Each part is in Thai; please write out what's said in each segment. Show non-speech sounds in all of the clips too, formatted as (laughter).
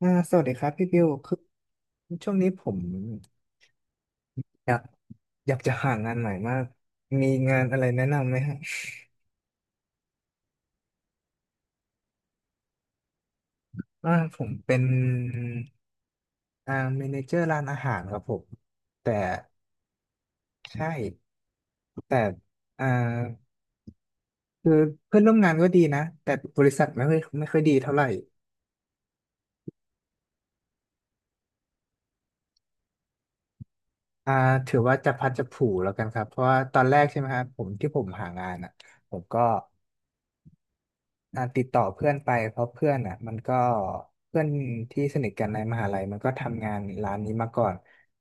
สวัสดีครับพี่บิวคือช่วงนี้ผมอยากอยากจะหางานใหม่มากมีงานอะไรแนะนำไหมฮะว่าผมเป็นเมเนเจอร์ร้านอาหารครับผมแต่ใช่แต่อ่าคือเพื่อนร่วมงานก็ดีนะแต่บริษัทไม่ค่อยดีเท่าไหร่อ่าถือว่าจะพัดจะผูแล้วกันครับเพราะว่าตอนแรกใช่ไหมครับผมที่ผมหางานอ่ะผมก็ ติดต่อเพื่อนไปเพราะเพื่อนอ่ะมันก็เพื่อนที่สนิทกันในมหาลัยมันก็ทำงานร้านนี้มาก่อน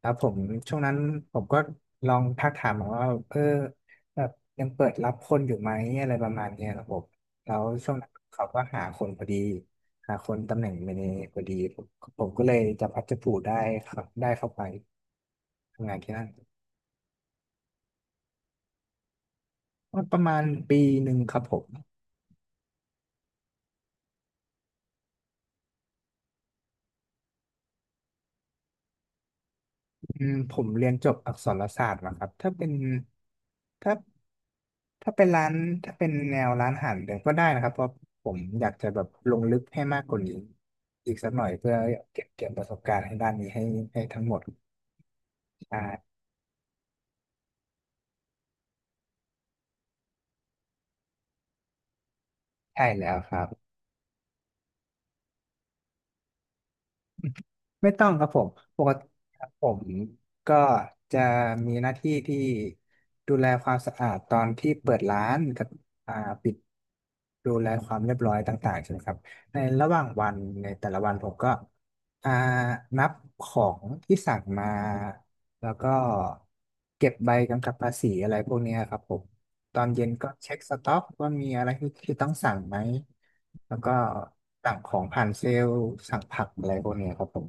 แล้วผมช่วงนั้นผมก็ลองทักถามว่าเออแบบยังเปิดรับคนอยู่ไหมอะไรประมาณเนี้ยครับผมแล้วช่วงนั้นเขาก็หาคนพอดีหาคนตำแหน่งเมเนเจอร์พอดีผมก็เลยจะพัดจะผูได้ครับได้เข้าไปทำงานที่นั่นก็ประมาณปีหนึ่งครับผม อืมผมเรียนจบอักษรศาสตร์มาครับถ้าเป็นถ้าถ้าเป็นร้านถ้าเป็นแนวร้านอาหารเดี๋ยวก็ได้นะครับเพราะผมอยากจะแบบลงลึกให้มากกว่านี้อีกสักหน่อยเพื่อเก็บเกี่ยวประสบการณ์ให้ด้านนี้ให้ให้ทั้งหมดใช่ใช่แล้วครับ ไม่ต้องครับผมปกติครับผมก็จะมีหน้าที่ที่ดูแลความสะอาดตอนที่เปิดร้านกับอ่าปิดดูแลความเรียบร้อยต่างๆใช่ไหมครับ ในระหว่างวันในแต่ละวันผมก็อ่านับของที่สั่งมา แล้วก็เก็บใบกำกับภาษีอะไรพวกเนี้ยครับผมตอนเย็นก็เช็คสต็อกว่ามีอะไรที่ต้องสั่งไหมแล้วก็สั่งของผ่านเซลล์สั่งผักอะไรพวกเนี้ยครับผม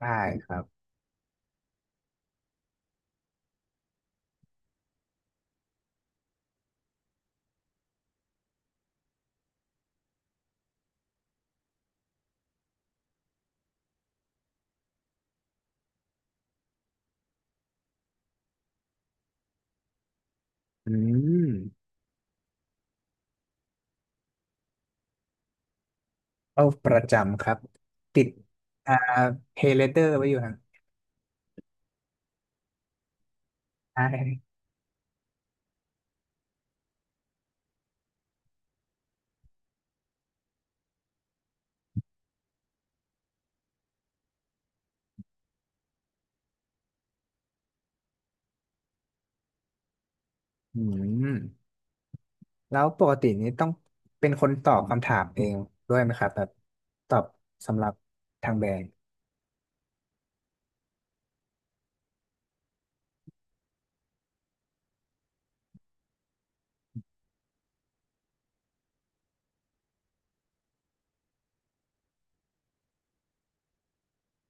ได้ครับ อืมเป้าประจำครับติดอ่าเพยเลเตอร์ไว้อยู่นะใช่อืม แล้วปกตินี้ต้องเป็นคนตอบคำถามเองด้วยไหมครับแบบตอบสำหรับทางแบรนด์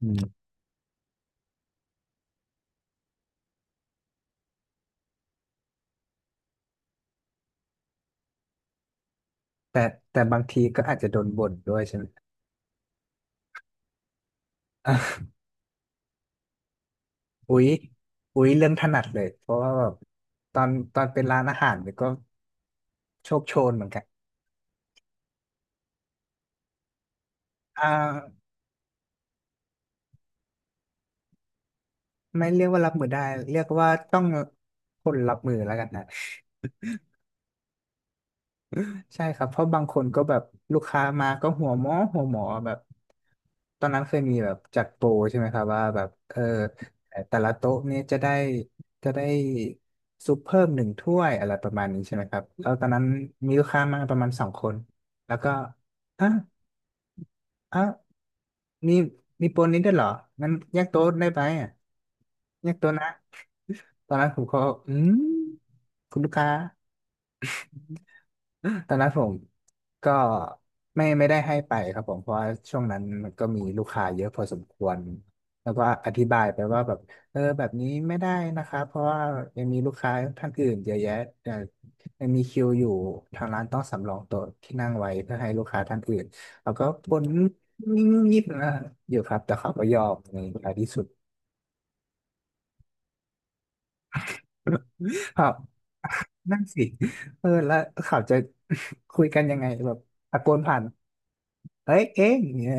อืมแต่แต่บางทีก็อาจจะโดนบ่นด้วยใช่ไหมอะ (laughs) อุ๊ยอุ๊ยเรื่องถนัดเลยเพราะว่าแบบตอนตอนเป็นร้านอาหารเนี่ยก็โชคโชนเหมือนกันอ่าไม่เรียกว่ารับมือได้เรียกว่าต้องคนรับมือแล้วกันนะ ใช่ครับเพราะบางคนก็แบบลูกค้ามาก็หัวหมอหัวหมอแบบตอนนั้นเคยมีแบบจัดโปรใช่ไหมครับว่าแบบเออแต่ละโต๊ะนี้จะได้จะได้ซุปเพิ่ม1 ถ้วยอะไรประมาณนี้ใช่ไหมครับแล้วตอนนั้นมีลูกค้ามาประมาณ2 คนแล้วก็อ่ะอ่ะมีมีโปรนี้ด้วยเหรองั้นแยกโต๊ะได้ไหมอ่ะแยกโต๊ะนะตอนนั้นผมก็อืมคุณลูกค้า ตอนนั้นผมก็ไม่ได้ให้ไปครับผมเพราะว่าช่วงนั้นมันก็มีลูกค้าเยอะพอสมควรแล้วก็อธิบายไปว่าแบบเออแบบนี้ไม่ได้นะคะเพราะว่ายังมีลูกค้าท่านอื่นเยอะแยะเอ่อยังมีคิวอยู่ทางร้านต้องสำรองโต๊ะที่นั่งไว้เพื่อให้ลูกค้าท่านอื่นแล้วก็บนงิบงิบนะอยู่ครับแต่เขาก็ยอมในท้ายที่สุด (coughs) (laughs) ครับ (coughs) นั่นสิเออแล้วเขาจะ (laughs) คุยกันยังไงแบบตะโกนผ่าน เอ้ยเอ๊ะอย่างเนี่ย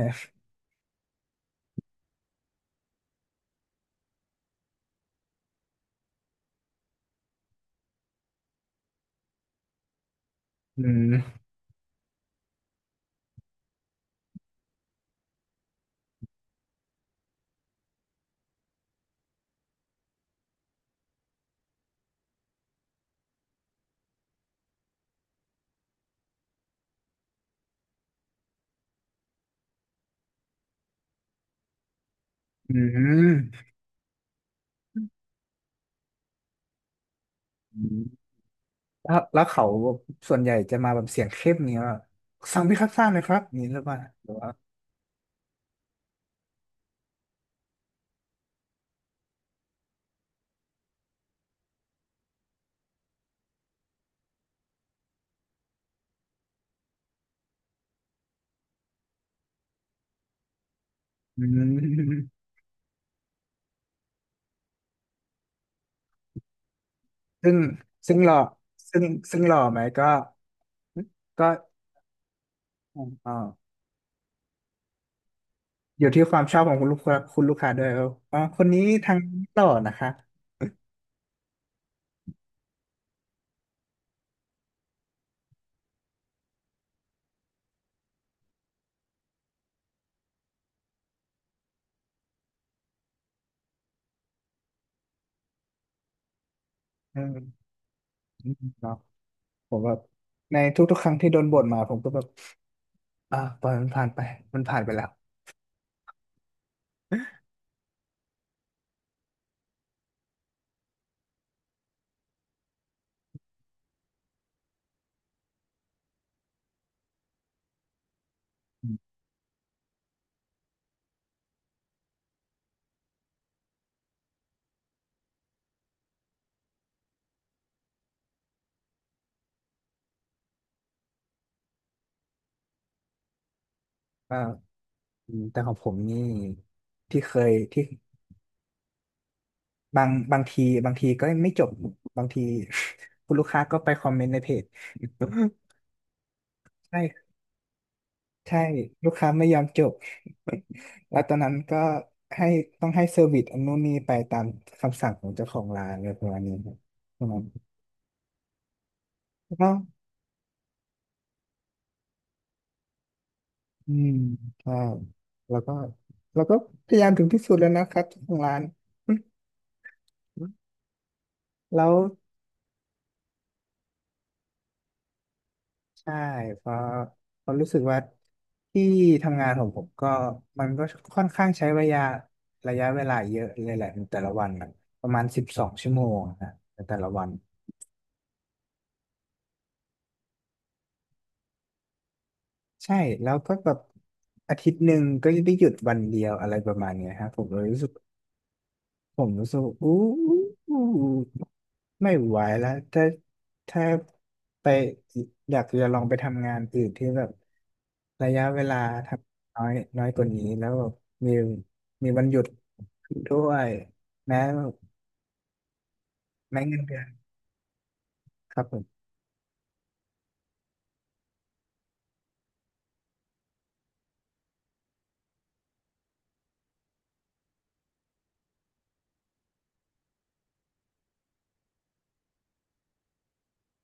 อืมอืมอืมแล้วเขาส่วนใหญ่จะมาแบบเสียงเข้มเนี่ยสั่งพิคัสซ่าหน่อยครับอนี่หรือเปล่าหรือว่าอืมซึ่งซึ่งหล่อซึ่งซึ่งหล่อไหมก็ก็อ๋อาอยู่ที่ความชอบของคุณลูกค้าคุณลูกค้าด้วยว่าอ๋อคนนี้ทางหล่อนะคะอืมอืมเนาะผมแบบในทุกๆครั้งที่โดนบ่นมาผมก็แบบปล่อยมันผ่านไปมันผ่านไปแล้วอืมอ่า อืมแต่ของผมนี่ที่เคยที่บางทีบางทีก็ไม่จบบางที (laughs) คุณลูกค้าก็ไปคอมเมนต์ในเพจ (laughs) ใช่ใช่ลูกค้าไม่ยอมจบ (laughs) แล้วตอนนั้นก็ให้ต้องให้เซอร์วิสอันนู้นนี่ไปตามคำสั่งของเจ้าของร้านอะไรประมาณนี้ครับประมาณแล้วก็อืมใช่แล้วก็แล้วก็พยายามถึงที่สุดแล้วนะครับเจ้าของร้าน (laughs) แล้ว ใช่เพราะเพราะรู้สึกว่าที่ทำงานของผมก็มันก็ค่อนข้างใช้ระยะระยะเวลาเยอะเลยแหละในแต่ละวันน่ะประมาณ12 ชั่วโมงนะในแต่ละวันใช่แล้วก็แบบอาทิตย์หนึ่งก็จะได้หยุดวันเดียวอะไรประมาณเนี้ยฮะผมเลยรู้สึก ผมรู้สึกว่าอู้ไม่ไหวแล้วถ้าถ้าไปอยากจะลองไปทำงานอื่นที่แบบระยะเวลาทำน้อยน้อยกว่านี้แล้วแบบมีมีวันหยุดด้วยแม้แม้เงินเดือนครับผม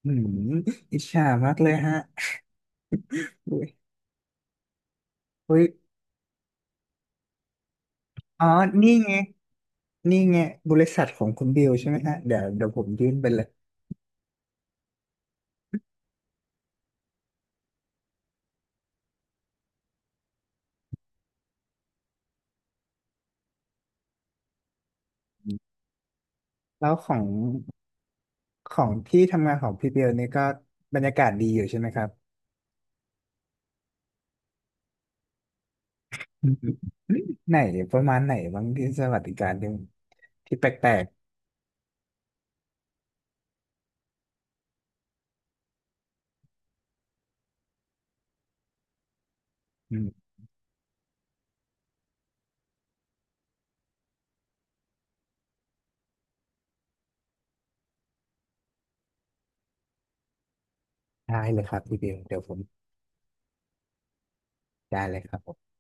อืมอิจฉามากเลยฮะอุ้ยอุ้ยอ๋อ นี่ไง นี่ไงบริษัทของคุณบิวใช่ไหมฮะ เดี๋ยวเดี๋ยวผมยื่นไปเลยแล้วของ ของที่ทำงานของพี่เบลนี่ก็บรรยากาศดีอยู่ใช่ไหมครับ (laughs) ไหนประมาณไหนบ้างที่สวัสดิการที่ที่แปลกๆอืมได้เลยครับพี่เบลเดี๋ยวผมได้เลยครับผม